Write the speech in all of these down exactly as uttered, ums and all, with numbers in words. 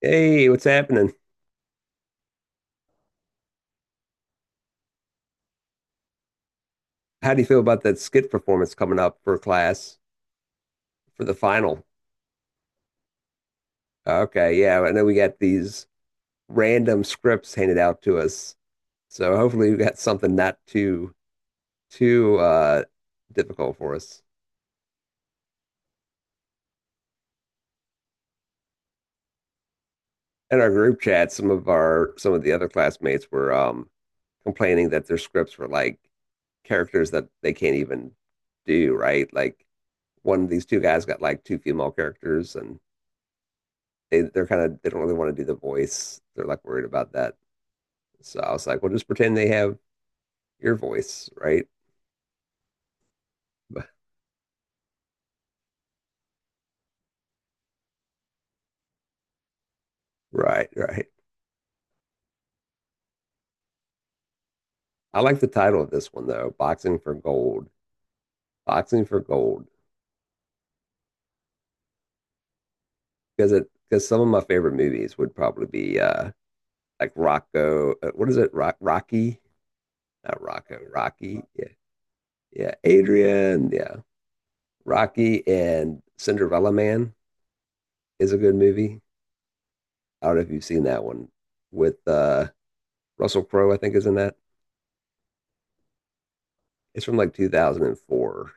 Hey, what's happening? How do you feel about that skit performance coming up for class for the final? Okay, yeah, I know we got these random scripts handed out to us. So hopefully we got something not too too uh difficult for us. In our group chat, some of our some of the other classmates were um complaining that their scripts were like characters that they can't even do, right? Like one of these two guys got like two female characters and they they're kind of they don't really want to do the voice. They're like worried about that. So I was like, well, just pretend they have your voice, right? Right, right. I like the title of this one though, Boxing for Gold. Boxing for Gold because it because some of my favorite movies would probably be uh like Rocco. uh, What is it? Rock, Rocky, not Rocco. Rocky. Yeah, yeah. Adrian. Yeah, Rocky. And Cinderella Man is a good movie. I don't know if you've seen that one with uh Russell Crowe. I think is in that. It's from like two thousand four.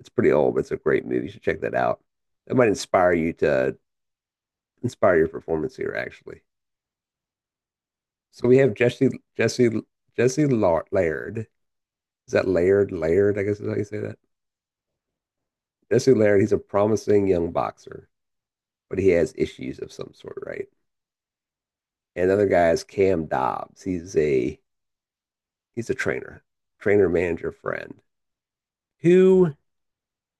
It's pretty old, but it's a great movie. You should check that out. That might inspire you to inspire your performance here, actually. So we have Jesse Jesse Jesse Laird. Is that Laird? Laird, I guess is how you say that. Jesse Laird. He's a promising young boxer, but he has issues of some sort, right? And the other guy is Cam Dobbs. He's a he's a trainer, trainer, manager, friend. Who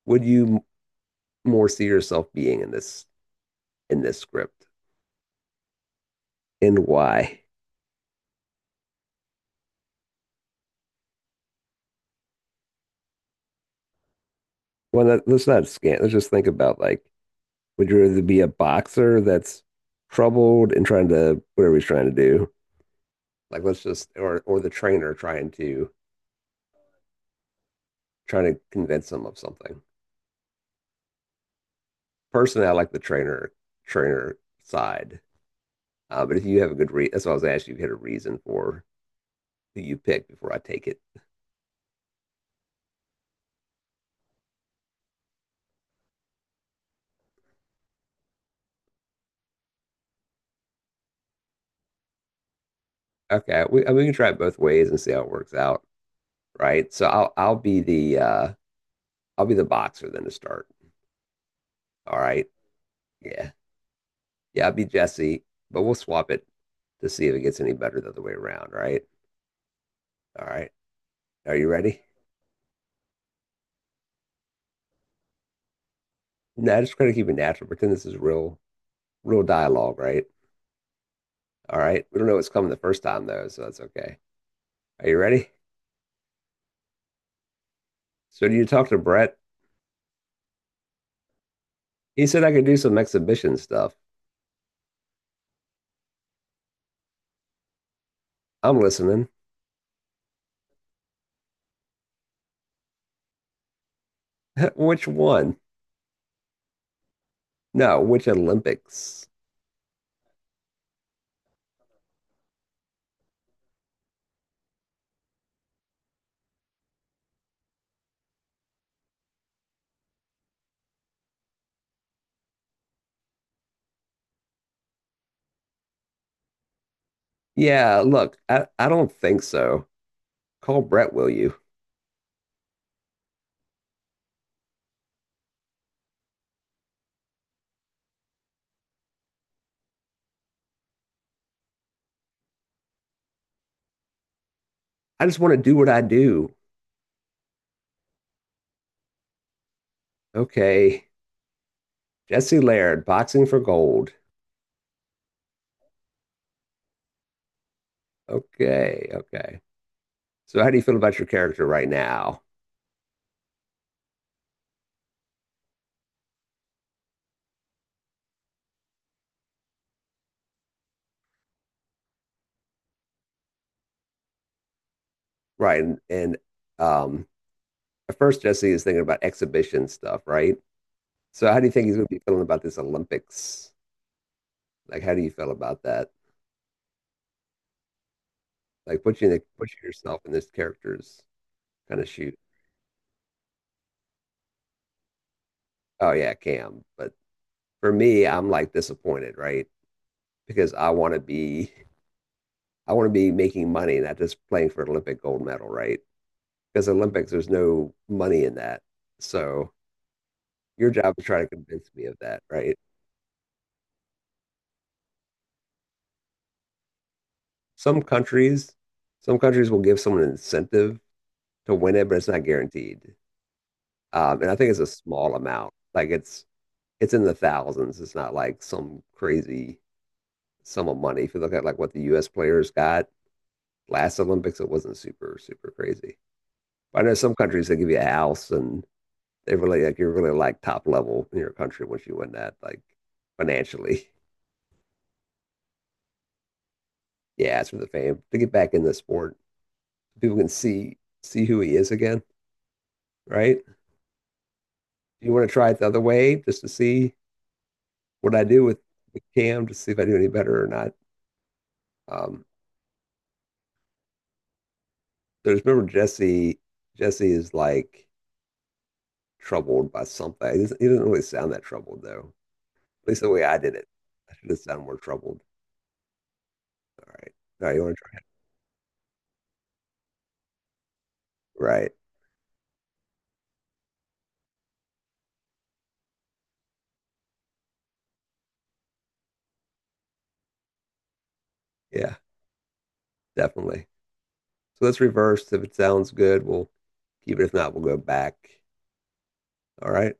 would you more see yourself being in this in this script, and why? Well, that, let's not scan. Let's just think about like, would you rather be a boxer that's troubled and trying to whatever he's trying to do? Like, let's just or or the trainer trying to trying to convince him of something. Personally, I like the trainer trainer side. Uh, but if you have a good reason, that's what I was asking. You had a reason for who you pick before I take it. Okay, we I mean, we can try it both ways and see how it works out, right? So I'll I'll be the uh I'll be the boxer then to start. All right, yeah. Yeah, it'd be Jesse, but we'll swap it to see if it gets any better the other way around, right? All right. Are you ready? No, I just try to keep it natural. Pretend this is real, real dialogue, right? All right. We don't know what's coming the first time though, so that's okay. Are you ready? So you talked to Brett. He said I could do some exhibition stuff. I'm listening. Which one? No, which Olympics? Yeah, look, I, I don't think so. Call Brett, will you? I just want to do what I do. Okay. Jesse Laird, boxing for gold. Okay, okay. So how do you feel about your character right now? Right, and, and um, at first Jesse is thinking about exhibition stuff, right? So how do you think he's going to be feeling about this Olympics? Like, how do you feel about that? Like, put you in the, put yourself in this character's kind of shoe. Oh yeah, Cam. But for me, I'm like disappointed, right? Because I want to be, I want to be making money, not just playing for an Olympic gold medal, right? Because Olympics, there's no money in that. So your job is try to convince me of that, right? Some countries, some countries will give someone an incentive to win it, but it's not guaranteed. Um, and I think it's a small amount. Like it's it's in the thousands. It's not like some crazy sum of money. If you look at like what the U S players got last Olympics, it wasn't super super crazy. But I know some countries they give you a house and they really like you're really like top level in your country once you win that, like financially. Yeah, it's for the fame to get back in the sport. People can see see who he is again, right? You want to try it the other way just to see what I do with, with Cam to see if I do any better or not. Um, there's remember Jesse. Jesse is like troubled by something. He doesn't, he doesn't really sound that troubled though. At least the way I did it, I should have sounded more troubled. All right, all right. You want to try? Right? Yeah, definitely. So let's reverse. If it sounds good, we'll keep it. If not, we'll go back. All right.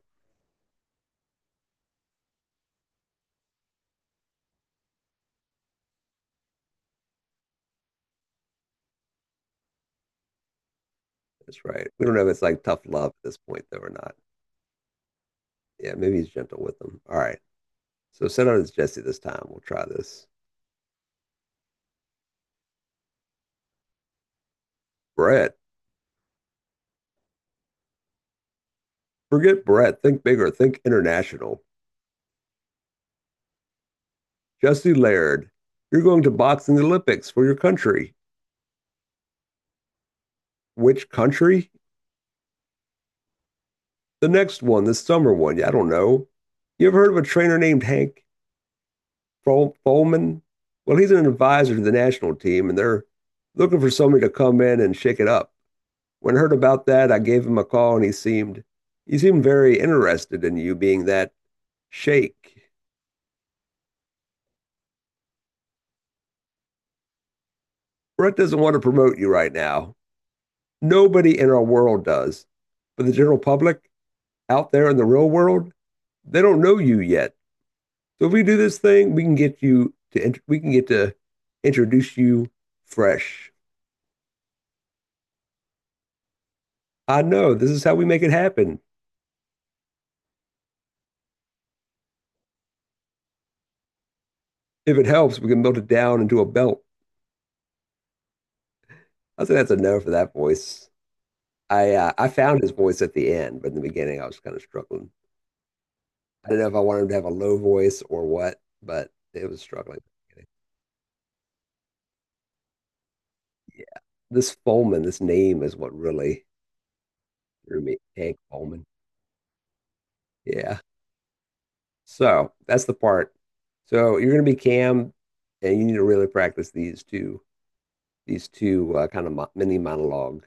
That's right. We don't know if it's like tough love at this point though or not. Yeah, maybe he's gentle with them. All right. So send out as Jesse this time. We'll try this. Brett, forget Brett. Think bigger. Think international. Jesse Laird, you're going to boxing Olympics for your country. Which country? The next one, the summer one. Yeah, I don't know. You ever heard of a trainer named Hank Fol- Folman? Well, he's an advisor to the national team, and they're looking for somebody to come in and shake it up. When I heard about that, I gave him a call, and he seemed he seemed very interested in you being that shake. Brett doesn't want to promote you right now. Nobody in our world does. But the general public out there in the real world, they don't know you yet. So if we do this thing, we can get you to we can get to introduce you fresh. I know this is how we make it happen. If it helps, we can melt it down into a belt. I think that's a no for that voice. I uh, I found his voice at the end, but in the beginning, I was kind of struggling. I didn't know if I wanted him to have a low voice or what, but it was struggling. Yeah, this Foreman, this name is what really threw me. Hank Foreman. Yeah. So that's the part. So you're going to be Cam, and you need to really practice these two, these two uh, kind of mo- mini monologue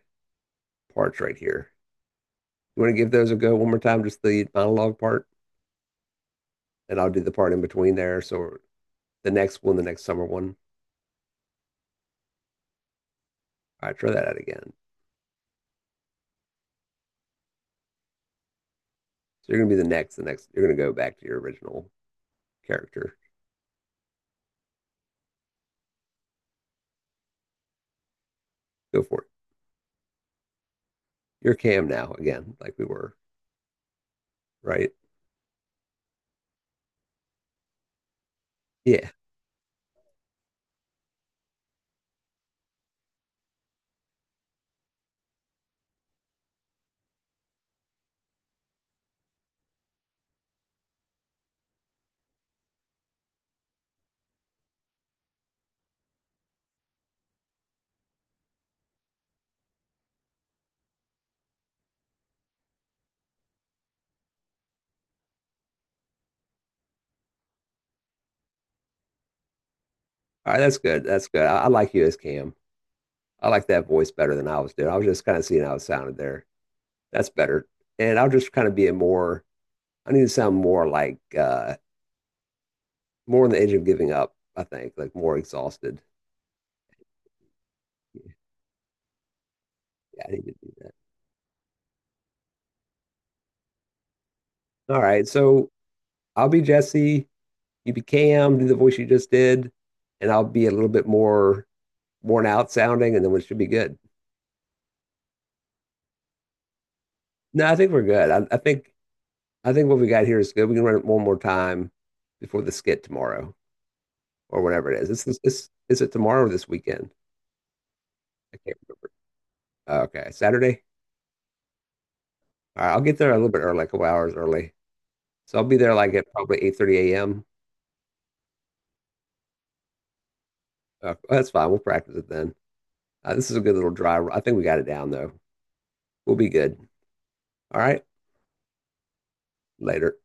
parts right here. You want to give those a go one more time, just the monologue part, and I'll do the part in between there. So the next one, the next summer one. All right, try that out again. So you're going to be the next, the next. You're going to go back to your original character. Go for it. You're Cam now again, like we were, right? Yeah. All right, that's good. That's good. I, I like you as Cam. I like that voice better than I was doing. I was just kind of seeing how it sounded there. That's better. And I'll just kind of be a more, I need to sound more like, uh, more on the edge of giving up, I think, like more exhausted. Yeah, yeah, I need to do that. All right. So I'll be Jesse. You be Cam, do the voice you just did, and I'll be a little bit more worn out sounding, and then it should be good. No, I think we're good. I, I think I think what we got here is good. We can run it one more time before the skit tomorrow, or whatever it is. It's this, this is it tomorrow or this weekend? I can't remember. Uh, Okay, Saturday. All right, I'll get there a little bit early, like a couple hours early. So I'll be there like at probably eight thirty a m. Uh, that's fine. We'll practice it then. Uh, this is a good little dry. I think we got it down though. We'll be good. All right. Later.